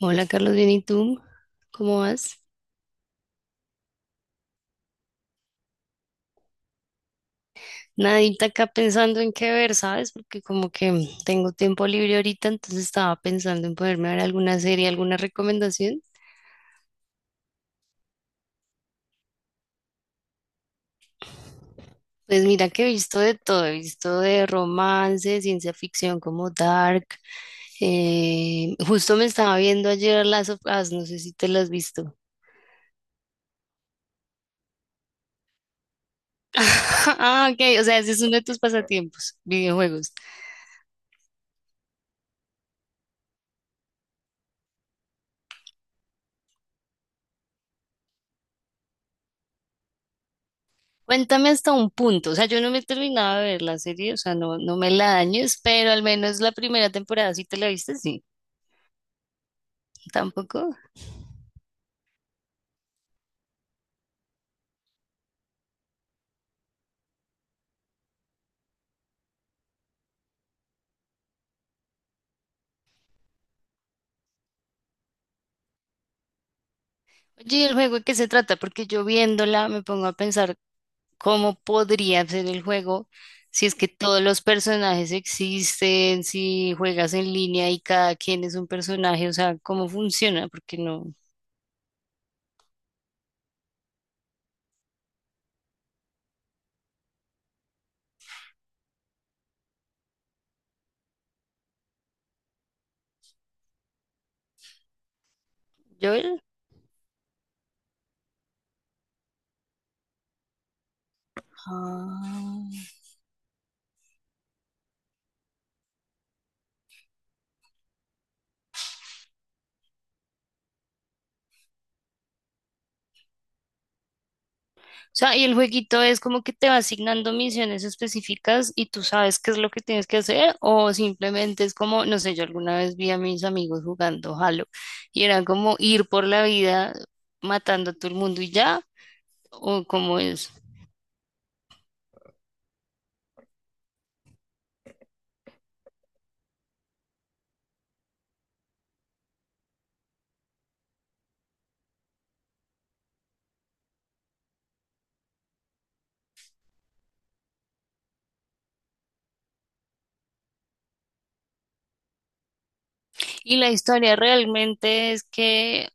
Hola Carlos, bien, ¿y tú? ¿Cómo vas? Nadita acá pensando en qué ver, ¿sabes? Porque como que tengo tiempo libre ahorita, entonces estaba pensando en poderme ver alguna serie, alguna recomendación. Pues mira que he visto de todo, he visto de romance, ciencia ficción como Dark. Justo me estaba viendo ayer las of Us, no sé si te las has visto. Ah, ok, o sea, ese es uno de tus pasatiempos, videojuegos. Cuéntame hasta un punto, o sea, yo no me he terminado de ver la serie, o sea, no, no me la dañes, pero al menos la primera temporada sí te la viste, sí, tampoco. Oye, ¿y el juego de qué se trata? Porque yo viéndola me pongo a pensar cómo podría ser el juego si es que todos los personajes existen, si juegas en línea y cada quien es un personaje, o sea, ¿cómo funciona? Porque no. Joel. Ah. O sea, ¿y el jueguito es como que te va asignando misiones específicas y tú sabes qué es lo que tienes que hacer o simplemente es como, no sé? Yo alguna vez vi a mis amigos jugando Halo y era como ir por la vida matando a todo el mundo y ya, o como es? Y la historia realmente es que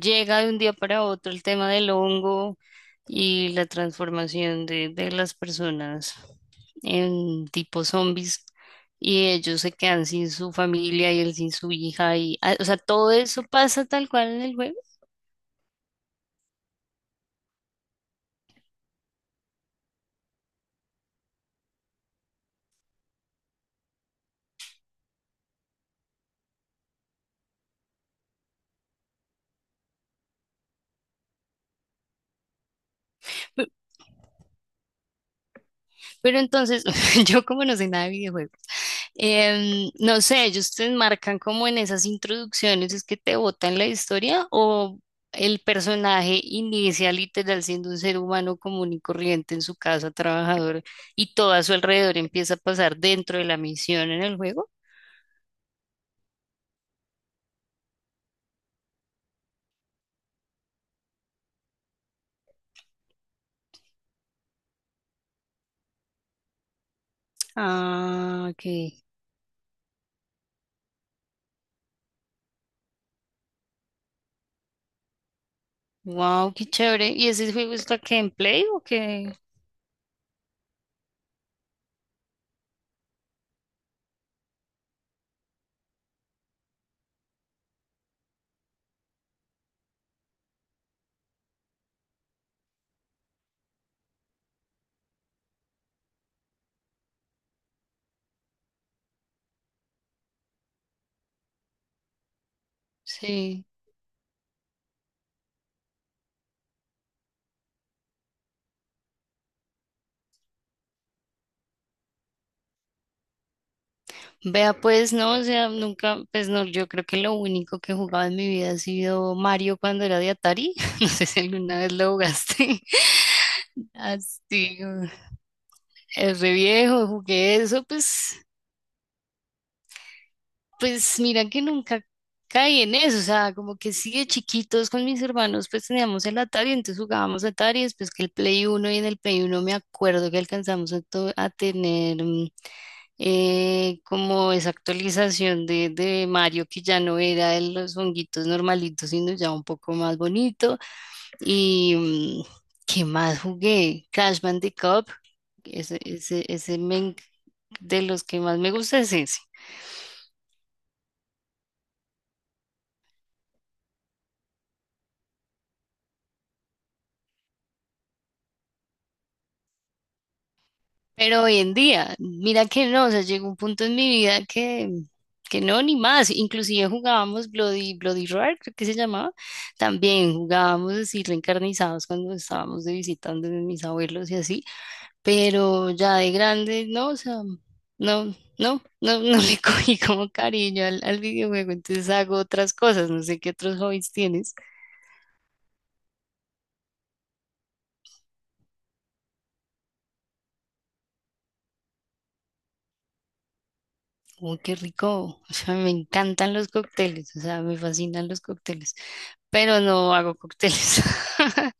llega de un día para otro el tema del hongo y la transformación de las personas, en tipo zombies, y ellos se quedan sin su familia y él sin su hija y ah, o sea, todo eso pasa tal cual en el juego. Pe- Pero entonces, yo como no sé nada de videojuegos, no sé, ellos te enmarcan como en esas introducciones, es que te botan la historia o el personaje inicia literal siendo un ser humano común y corriente en su casa trabajadora y todo a su alrededor empieza a pasar dentro de la misión en el juego. Ah, ok. Wow, qué chévere. ¿Y ese juego está que en Play o qué? Sí. Vea, pues no, o sea, nunca, pues no, yo creo que lo único que he jugado en mi vida ha sido Mario cuando era de Atari. No sé si alguna vez lo jugaste. Así, es re viejo, jugué eso, pues, pues mira que nunca caí en eso, o sea, como que sí de chiquitos con mis hermanos, pues teníamos el Atari, entonces jugábamos Atari, después que el Play Uno, y en el Play Uno me acuerdo que alcanzamos a, a tener como esa actualización de Mario, que ya no era de los honguitos normalitos, sino ya un poco más bonito. Y ¿qué más jugué? Crash Bandicoot, ese, ese. De los que más me gusta es ese. Pero hoy en día, mira que no, o sea, llegó un punto en mi vida que no, ni más. Inclusive jugábamos Bloody, Bloody Roar, creo que se llamaba. También jugábamos así reencarnizados cuando estábamos de visitando de mis abuelos y así. Pero ya de grande, no, o sea, no, no, no, no le cogí como cariño al, al videojuego, entonces hago otras cosas, no sé qué otros hobbies tienes. Uy, qué rico, o sea, me encantan los cócteles, o sea, me fascinan los cócteles, pero no hago cócteles.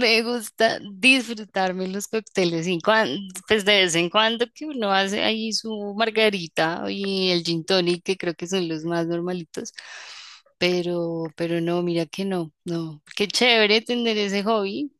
Me gusta disfrutarme los cócteles y pues de vez en cuando que uno hace ahí su margarita y el gin tonic, que creo que son los más normalitos. Pero no, mira que no, no. Qué chévere tener ese hobby,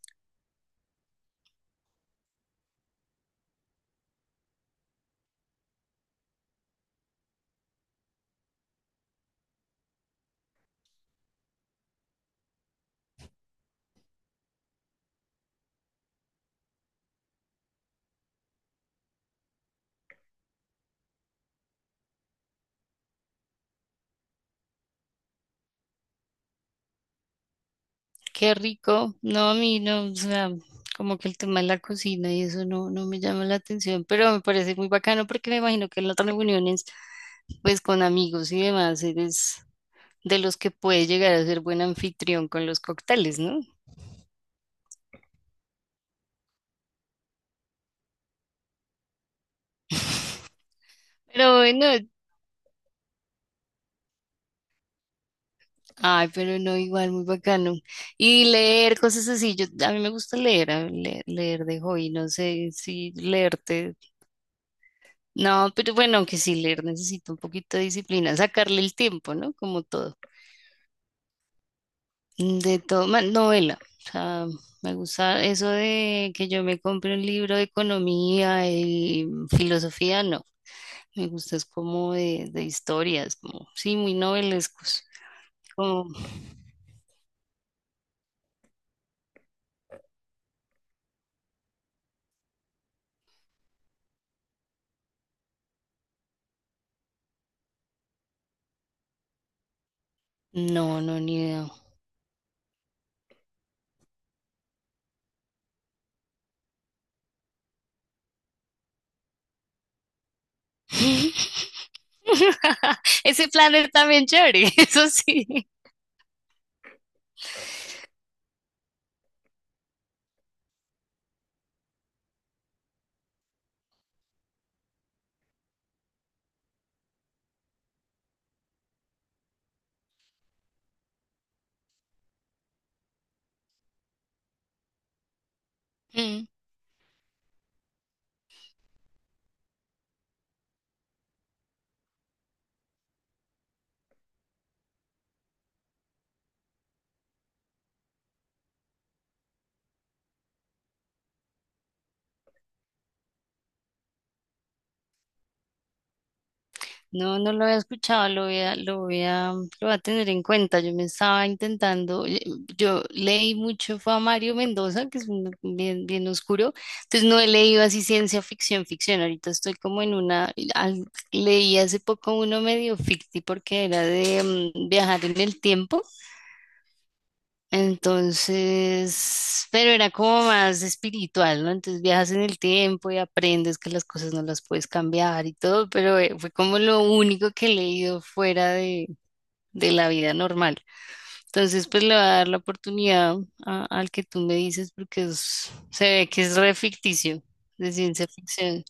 qué rico. No, a mí no, o sea, como que el tema de la cocina y eso no, no me llama la atención, pero me parece muy bacano porque me imagino que en las reuniones, pues con amigos y demás, eres de los que puede llegar a ser buen anfitrión con los cócteles, ¿no? Pero bueno, ay, pero no, igual, muy bacano. Y leer cosas así, yo, a mí me gusta leer, leer, de hobby, no sé si leerte, no, pero bueno, aunque sí leer necesito un poquito de disciplina, sacarle el tiempo, ¿no? Como todo, de todo, novela, o sea, me gusta eso de que yo me compre un libro de economía y filosofía, no. Me gusta es como de historias, como, sí, muy novelescos. Como, no, no, ni idea. Ese planner también chévere, eso sí. No, no lo había escuchado, lo voy a, lo voy a, lo voy a tener en cuenta. Yo me estaba intentando, yo leí mucho, fue a Mario Mendoza, que es bien, bien oscuro, entonces no he leído así ciencia ficción, ficción. Ahorita estoy como en una, leí hace poco uno medio ficti porque era de viajar en el tiempo. Entonces, pero era como más espiritual, ¿no? Entonces viajas en el tiempo y aprendes que las cosas no las puedes cambiar y todo, pero fue como lo único que he leído fuera de la vida normal. Entonces, pues le voy a dar la oportunidad al que tú me dices porque se ve que es re ficticio, de ciencia ficción.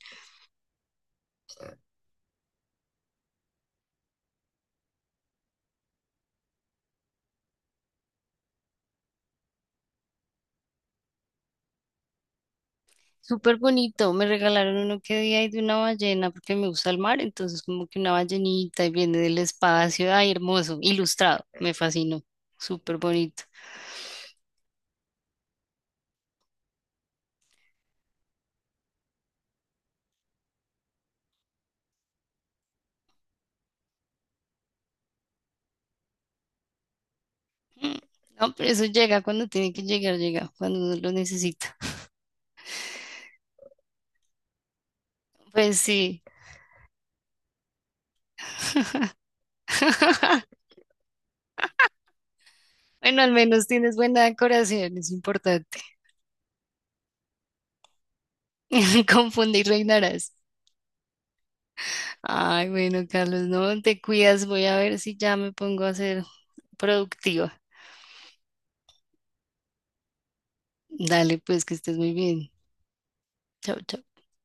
Súper bonito, me regalaron uno que día y de una ballena porque me gusta el mar, entonces como que una ballenita y viene del espacio, ay, hermoso, ilustrado, me fascinó, súper bonito. Mm, no, pero eso llega cuando tiene que llegar, llega cuando uno lo necesita. Pues sí, bueno, al menos tienes buena decoración, es importante. Confundir reinarás. Ay, bueno, Carlos, no te cuidas, voy a ver si ya me pongo a ser productiva. Dale, pues que estés muy bien. Chao, chao.